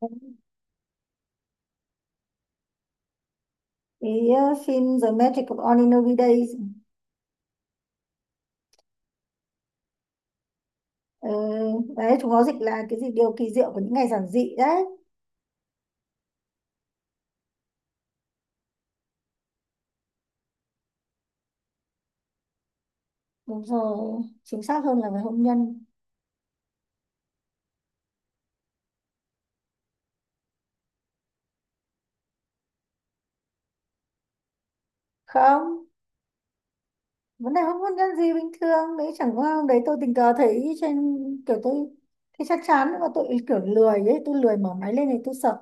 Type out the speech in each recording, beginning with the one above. Cái ờ, phim The Magic of Ordinary Days. Ờ, Đấy, chúng nó dịch là cái gì điều kỳ diệu của những ngày giản dị đấy. Đúng rồi, chính xác hơn là về hôn nhân. Không, vấn đề hôn hôn nhân gì, bình thường đấy, chẳng qua hôm đấy tôi tình cờ thấy trên, kiểu tôi thì chắc chắn nhưng mà tôi kiểu lười ấy, tôi lười mở máy lên thì tôi sợ,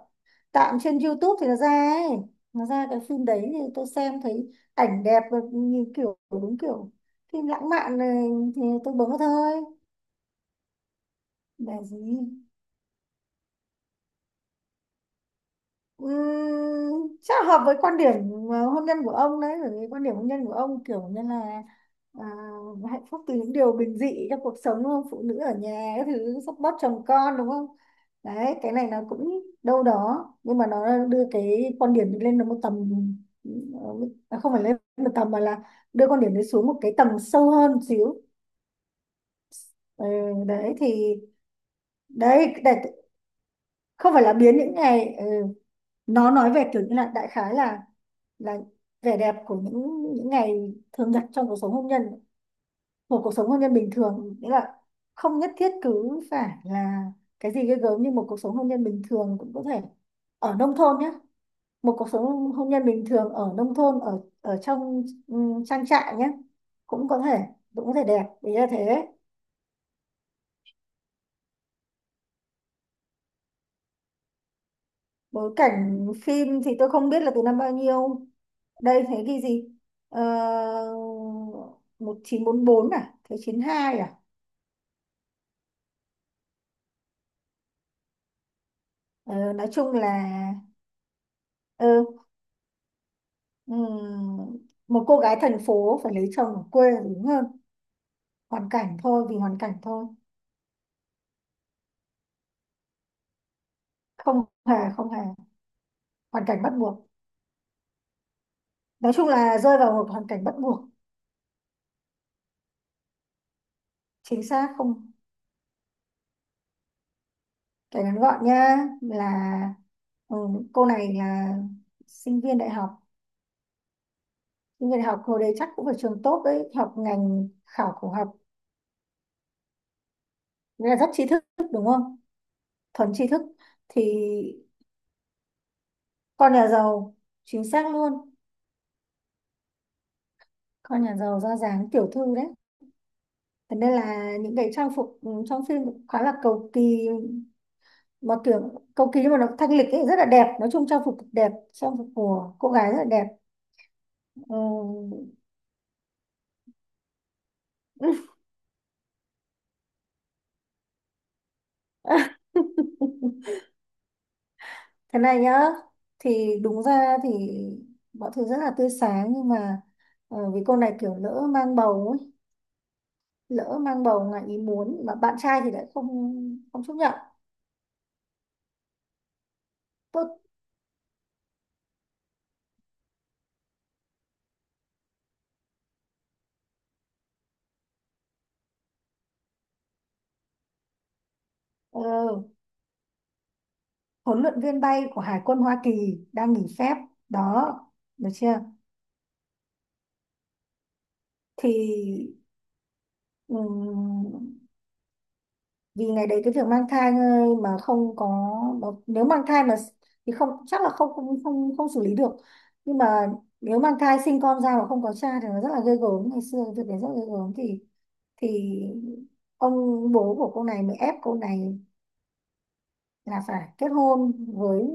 tạm trên YouTube thì nó ra ấy, nó ra cái phim đấy thì tôi xem thấy ảnh đẹp và nhìn kiểu đúng kiểu phim lãng mạn này thì tôi bấm vào thôi. Để gì? Chắc là hợp với quan điểm hôn nhân của ông đấy, bởi vì quan điểm hôn nhân của ông kiểu như là, à, hạnh phúc từ những điều bình dị trong cuộc sống, đúng không, phụ nữ ở nhà các thứ support chồng con, đúng không. Đấy, cái này nó cũng đâu đó nhưng mà nó đưa cái quan điểm lên được một tầm, ờ, không phải lên một tầm mà là đưa quan điểm đấy xuống một cái tầng sâu hơn xíu. ừ, Đấy thì, đấy để, không phải là biến những ngày Nó nói về kiểu như là, đại khái là vẻ đẹp của những ngày thường nhật trong cuộc sống hôn nhân. Một cuộc sống hôn nhân bình thường, nghĩa là không nhất thiết cứ phải là cái gì ghê gớm, nhưng một cuộc sống hôn nhân bình thường cũng có thể, ở nông thôn nhé, một cuộc sống hôn nhân bình thường ở nông thôn, ở ở trong trang trại nhé, cũng có thể, cũng có thể đẹp, ý là thế. Bối cảnh phim thì tôi không biết là từ năm bao nhiêu, đây thế ghi gì. Ờ, 1944 à, thế 92 à. Ờ, nói chung là, ờ, ừm, một cô gái thành phố phải lấy chồng ở quê là đúng hơn. Hoàn cảnh thôi, vì hoàn cảnh thôi. Không hề, không hề, hoàn cảnh bắt buộc, nói chung là rơi vào một hoàn cảnh bắt buộc. Chính xác không? Kể ngắn gọn nha, là ừ, cô này là sinh viên đại học. Những người học hồi đấy chắc cũng phải trường tốt đấy, học ngành khảo cổ học, nghĩa là rất tri thức, đúng không? Thuần tri thức, thì con nhà giàu, chính xác luôn. Con nhà giàu ra dáng tiểu thư đấy. Thế nên là những cái trang phục trong phim cũng khá là cầu kỳ, mà kiểu cầu kỳ nhưng mà nó thanh lịch ấy, rất là đẹp. Nói chung trang phục cực đẹp, trang phục của cô gái rất là đẹp. Ừ. Thế này nhá, thì đúng ra thì mọi thứ rất là tươi sáng nhưng mà, vì cô này kiểu lỡ mang bầu ấy, lỡ mang bầu ngoài ý muốn mà bạn trai thì lại không, không chấp nhận. Tốt. Ờ, Huấn luyện viên bay của Hải quân Hoa Kỳ đang nghỉ phép. Đó, được chưa? Thì, ừm, vì ngày đấy cái việc mang thai mà không có, mà nếu mang thai mà thì không, chắc là không xử lý được, nhưng mà nếu mang thai sinh con ra mà không có cha thì nó rất là ghê gớm, ngày xưa cái việc đấy rất là ghê gớm, thì ông bố của cô này mới ép cô này là phải kết hôn với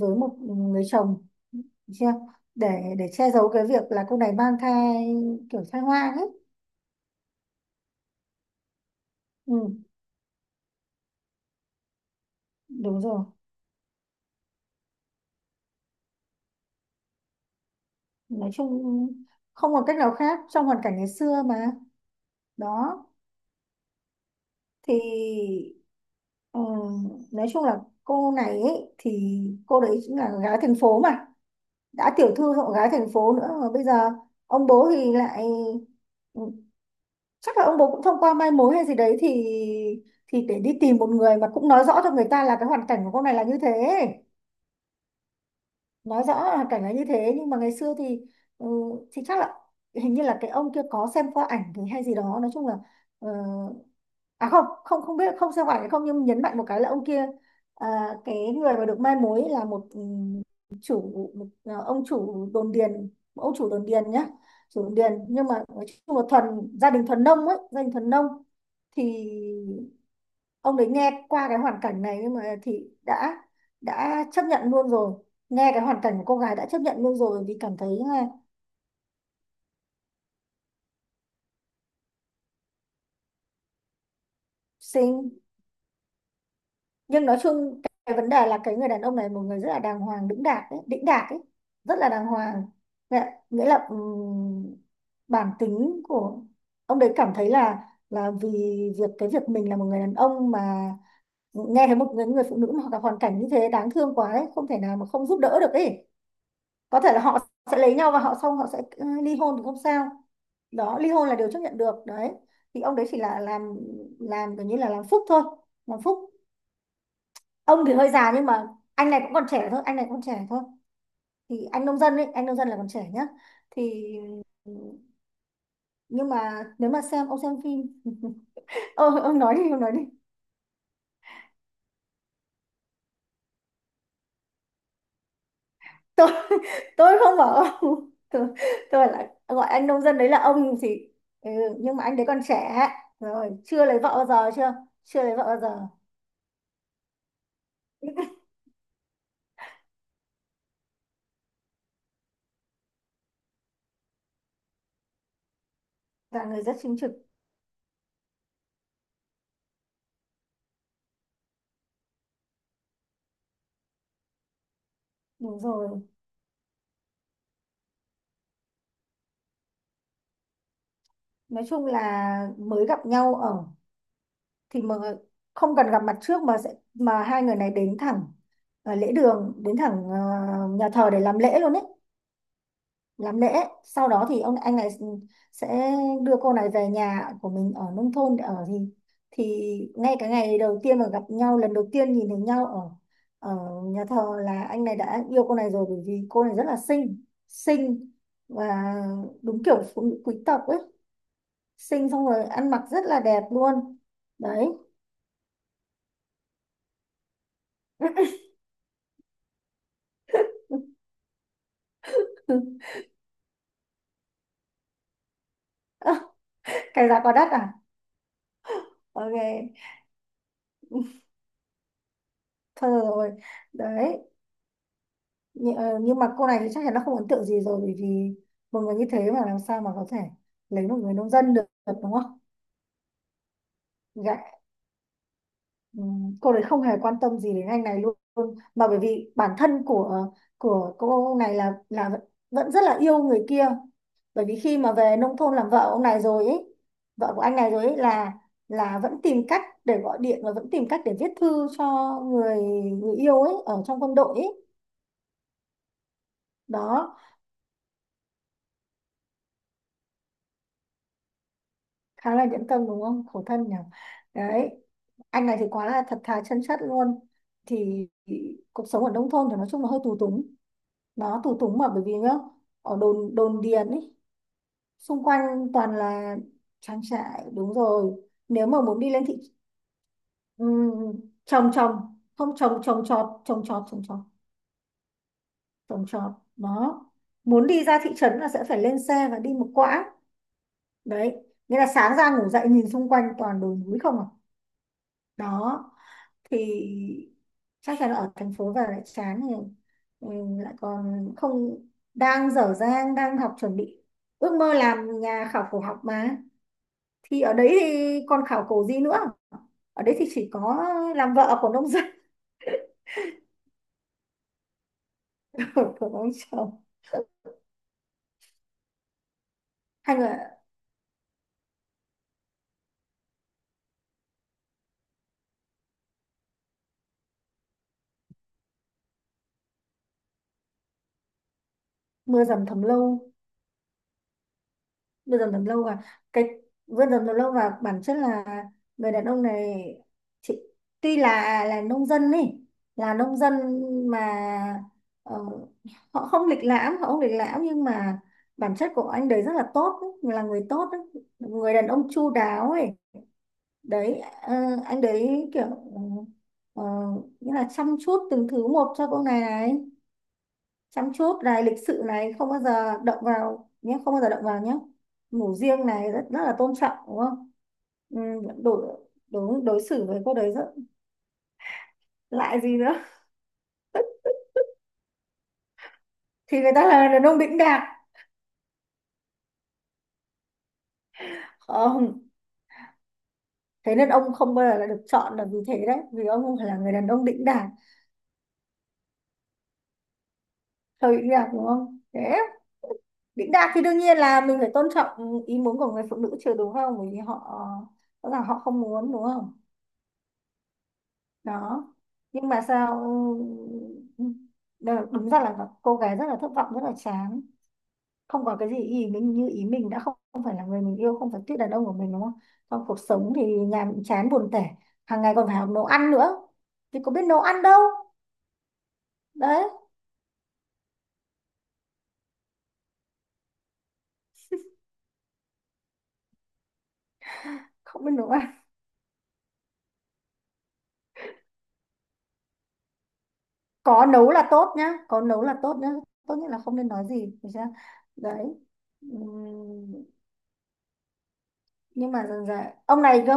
với một người chồng. Được chưa, để để che giấu cái việc là cô này mang thai, kiểu thai hoang ấy. ừ, Đúng rồi. Nói chung không còn cách nào khác trong hoàn cảnh ngày xưa mà. Đó thì, ừ, nói chung là cô này ấy, thì cô đấy cũng là gái thành phố mà, đã tiểu thư rồi còn gái thành phố nữa mà, bây giờ ông bố thì lại, ừ, chắc là ông bố cũng thông qua mai mối hay gì đấy, thì để đi tìm một người mà cũng nói rõ cho người ta là cái hoàn cảnh của cô này là như thế. Nói rõ là hoàn cảnh là như thế nhưng mà ngày xưa thì, ừ, thì chắc là, hình như là cái ông kia có xem qua ảnh thì hay gì đó, nói chung là, ờ, không không không biết không xem qua ảnh hay không, nhưng nhấn mạnh một cái là ông kia, cái người mà được mai mối là một chủ một, ông chủ đồn điền, ông chủ đồn điền nhá, chủ đồn điền, nhưng mà nói chung là thuần, gia đình thuần nông ấy, gia đình thuần nông. Thì ông đấy nghe qua cái hoàn cảnh này nhưng mà thì đã chấp nhận luôn rồi, nghe cái hoàn cảnh của cô gái đã chấp nhận luôn rồi vì cảm thấy là, xinh, nhưng nói chung cái vấn đề là cái người đàn ông này một người rất là đàng hoàng đĩnh đạc ấy, đĩnh đạc ấy, rất là đàng hoàng, nghĩa nghĩa là, bản tính của ông đấy cảm thấy là vì việc, cái việc mình là một người đàn ông mà nghe thấy một người, người phụ nữ mà gặp hoàn cảnh như thế đáng thương quá ấy, không thể nào mà không giúp đỡ được ấy. Có thể là họ sẽ lấy nhau và họ, xong họ sẽ ly hôn thì không sao. Đó, ly hôn là điều chấp nhận được đấy, thì ông đấy chỉ là làm kiểu như là làm phúc thôi, làm phúc. Ông thì hơi già nhưng mà anh này cũng còn trẻ thôi, anh này cũng còn trẻ thôi, thì anh nông dân ấy, anh nông dân là còn trẻ nhá. Thì, nhưng mà nếu mà xem ông xem phim. Ông nói đi, ông nói đi. Tôi tôi không bảo ông tôi, tôi lại gọi anh nông dân đấy là ông thì. ừ, nhưng mà anh đấy còn trẻ, rồi chưa lấy vợ bao giờ, chưa, chưa lấy vợ bao giờ. Dạ người rất chính trực, đúng rồi. Nói chung là mới gặp nhau ở thì mà, không cần gặp mặt trước mà sẽ, mà hai người này đến thẳng lễ đường, đến thẳng nhà thờ để làm lễ luôn ấy, làm lễ. Sau đó thì ông anh này sẽ đưa cô này về nhà của mình ở nông thôn để ở, thì ngay cái ngày đầu tiên mà gặp nhau lần đầu tiên nhìn thấy nhau ở ở nhà thờ là anh này đã yêu cô này rồi, bởi vì cô này rất là xinh, xinh và đúng kiểu phụ nữ quý tộc ấy, xinh xong rồi ăn mặc rất là đẹp luôn. Đấy. Cái giá quá đắt à? Ok, thôi được rồi. Đấy. Nhưng mà cô này thì chắc chắn nó không ấn tượng gì rồi, bởi vì một người như thế mà làm sao mà có thể lấy một người nông dân được, đúng không. Dạ. Cô đấy không hề quan tâm gì đến anh này luôn, mà bởi vì bản thân của của cô này là vẫn, vẫn rất là yêu người kia, bởi vì khi mà về nông thôn làm vợ ông này rồi ấy, vợ của anh này rồi ấy là vẫn tìm cách để gọi điện và vẫn tìm cách để viết thư cho người, người yêu ấy ở trong quân đội ấy. Đó, khá là nhẫn tâm đúng không, khổ thân nhỉ. Đấy, anh này thì quá là thật thà chân chất luôn. Thì cuộc sống ở nông thôn thì nói chung là hơi tù túng, nó tù túng mà bởi vì nhá, ở đồn đồn điền ấy, xung quanh toàn là trang trại, đúng rồi. Nếu mà muốn đi lên thị, ừ, trồng trồng không, trồng, trồng trọt trồng trọt, trồng trọt đó. Muốn đi ra thị trấn là sẽ phải lên xe và đi một quãng. Đấy, nghĩa là sáng ra ngủ dậy nhìn xung quanh toàn đồi núi không à. Đó, thì chắc chắn là ở thành phố và lại chán thì, ừ, lại còn không, đang dở dang đang học chuẩn bị ước mơ làm nhà khảo cổ học mà, thì ở đấy thì còn khảo cổ gì nữa, ở đấy thì chỉ có làm vợ của nông dân. Của ông chồng. Hay là mưa dầm thấm lâu, mưa dầm thấm lâu. Và cái mưa dầm thấm lâu và bản chất là người đàn ông này, chị, tuy là nông dân ấy, là nông dân mà, ờ, họ không lịch lãm, họ không lịch lãm nhưng mà bản chất của anh đấy rất là tốt ấy, là người tốt ấy, người đàn ông chu đáo ấy. Đấy, anh đấy kiểu ờ, ờ, nghĩa là chăm chút từng thứ Một cho cô này này, chăm chút này, lịch sự này, không bao giờ động vào nhé, không bao giờ động vào nhé, ngủ riêng này, rất rất là tôn trọng, đúng không? Ừ, đối, đối đối xử với cô đấy rất lại gì nữa. Thì người ta là đàn ông đĩnh đạc. Không, thế nên ông không bao giờ là được chọn là vì thế đấy, vì ông không phải là người đàn ông đĩnh đạc. Hơi đĩnh đạc, đúng không? Thế đĩnh đạc thì đương nhiên là mình phải tôn trọng ý muốn của người phụ nữ chứ, đúng không? Bởi vì họ rõ ràng họ không muốn, đúng không? Đó. Nhưng mà sao ừ, đúng ra là cô gái rất là thất vọng, rất là chán, không có cái gì ý mình, như ý mình đã không, không phải là người mình yêu, không phải tuyết đàn ông của mình, đúng không? Trong cuộc sống thì nhàm chán, buồn tẻ, hàng ngày còn phải học nấu ăn nữa, thì có biết nấu ăn đâu. Đấy, không biết nấu ăn, có nấu là tốt nhá, có nấu là tốt nhá. Tốt nhất là không nên nói gì, được chưa? Đấy. Ừm, nhưng mà dần dần ông này cơ,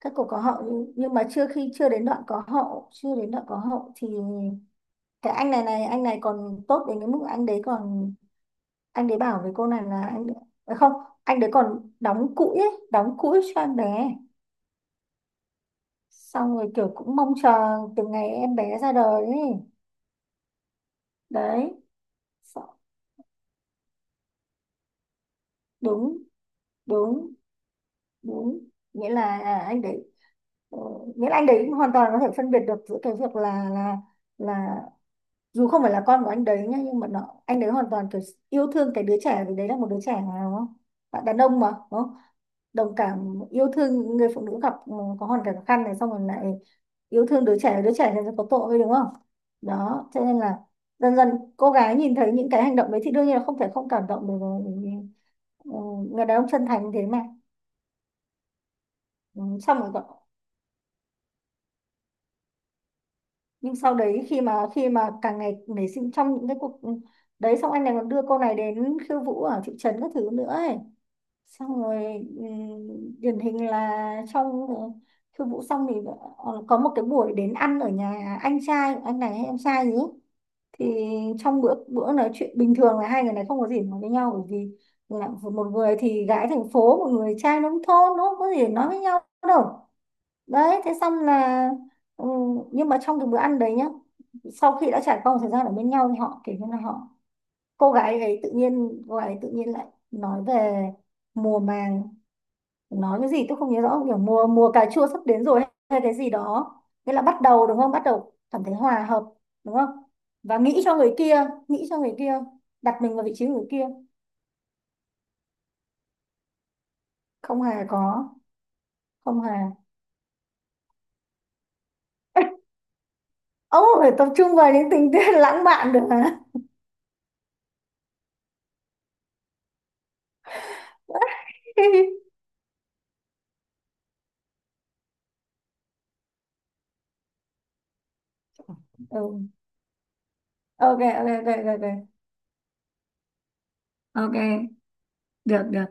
các cô có hậu nhưng mà chưa khi chưa đến đoạn có hậu, chưa đến đoạn có hậu thì cái anh này này, anh này còn tốt đến cái mức anh đấy còn, anh đấy bảo với cô này là anh, à không, anh đấy còn đóng cũi ấy, đóng cũi cho em bé, xong rồi kiểu cũng mong chờ từ ngày em bé ra đời ấy. Đấy. Sợ- Đúng, đúng, đúng, nghĩa là à, anh đấy Ờ, nghĩa là anh đấy hoàn toàn có thể phân biệt được giữa cái việc là dù không phải là con của anh đấy nhá, nhưng mà nó anh đấy hoàn toàn kiểu yêu thương cái đứa trẻ, vì đấy là một đứa trẻ mà, đúng không? Bạn đàn ông mà, đúng không? Đồng cảm yêu thương những người phụ nữ gặp ừ, có hoàn cảnh khó khăn này, xong rồi lại yêu thương đứa trẻ, đứa trẻ này có tội, đúng không? Đó cho nên là dần dần cô gái nhìn thấy những cái hành động đấy thì đương nhiên là không thể không cảm động được rồi, bởi vì, ừ, người đàn ông chân thành thế mà. Ừ, xong rồi. Nhưng sau đấy khi mà càng ngày nảy sinh trong những cái cuộc, đấy, xong anh này còn đưa cô này đến khiêu vũ ở thị trấn các thứ nữa ấy. Xong rồi, ừm, điển hình là trong khiêu vũ xong thì có một cái buổi đến ăn ở nhà anh trai của anh này hay em trai gì ấy. Thì trong bữa bữa nói chuyện bình thường là hai người này không có gì nói với nhau, bởi vì là một người thì gái thành phố, một người trai nông thôn, nó không có gì để nói với nhau đâu. Đấy thế xong là ừ, nhưng mà trong cái bữa ăn đấy nhá, sau khi đã trải qua một thời gian ở bên nhau thì họ kiểu như là họ, cô gái ấy tự nhiên, cô gái ấy tự nhiên lại nói về mùa màng, nói cái gì tôi không nhớ rõ, kiểu mùa mùa cà chua sắp đến rồi hay cái gì đó. Nghĩa là bắt đầu, đúng không? Bắt đầu cảm thấy hòa hợp, đúng không? Và nghĩ cho người kia, nghĩ cho người kia, đặt mình vào vị trí người kia. Không hề có, không hề. Ông phải tập trung vào những tình tiết lãng mạn được hả? Ừ. Ok ok ok ok, ok, được được.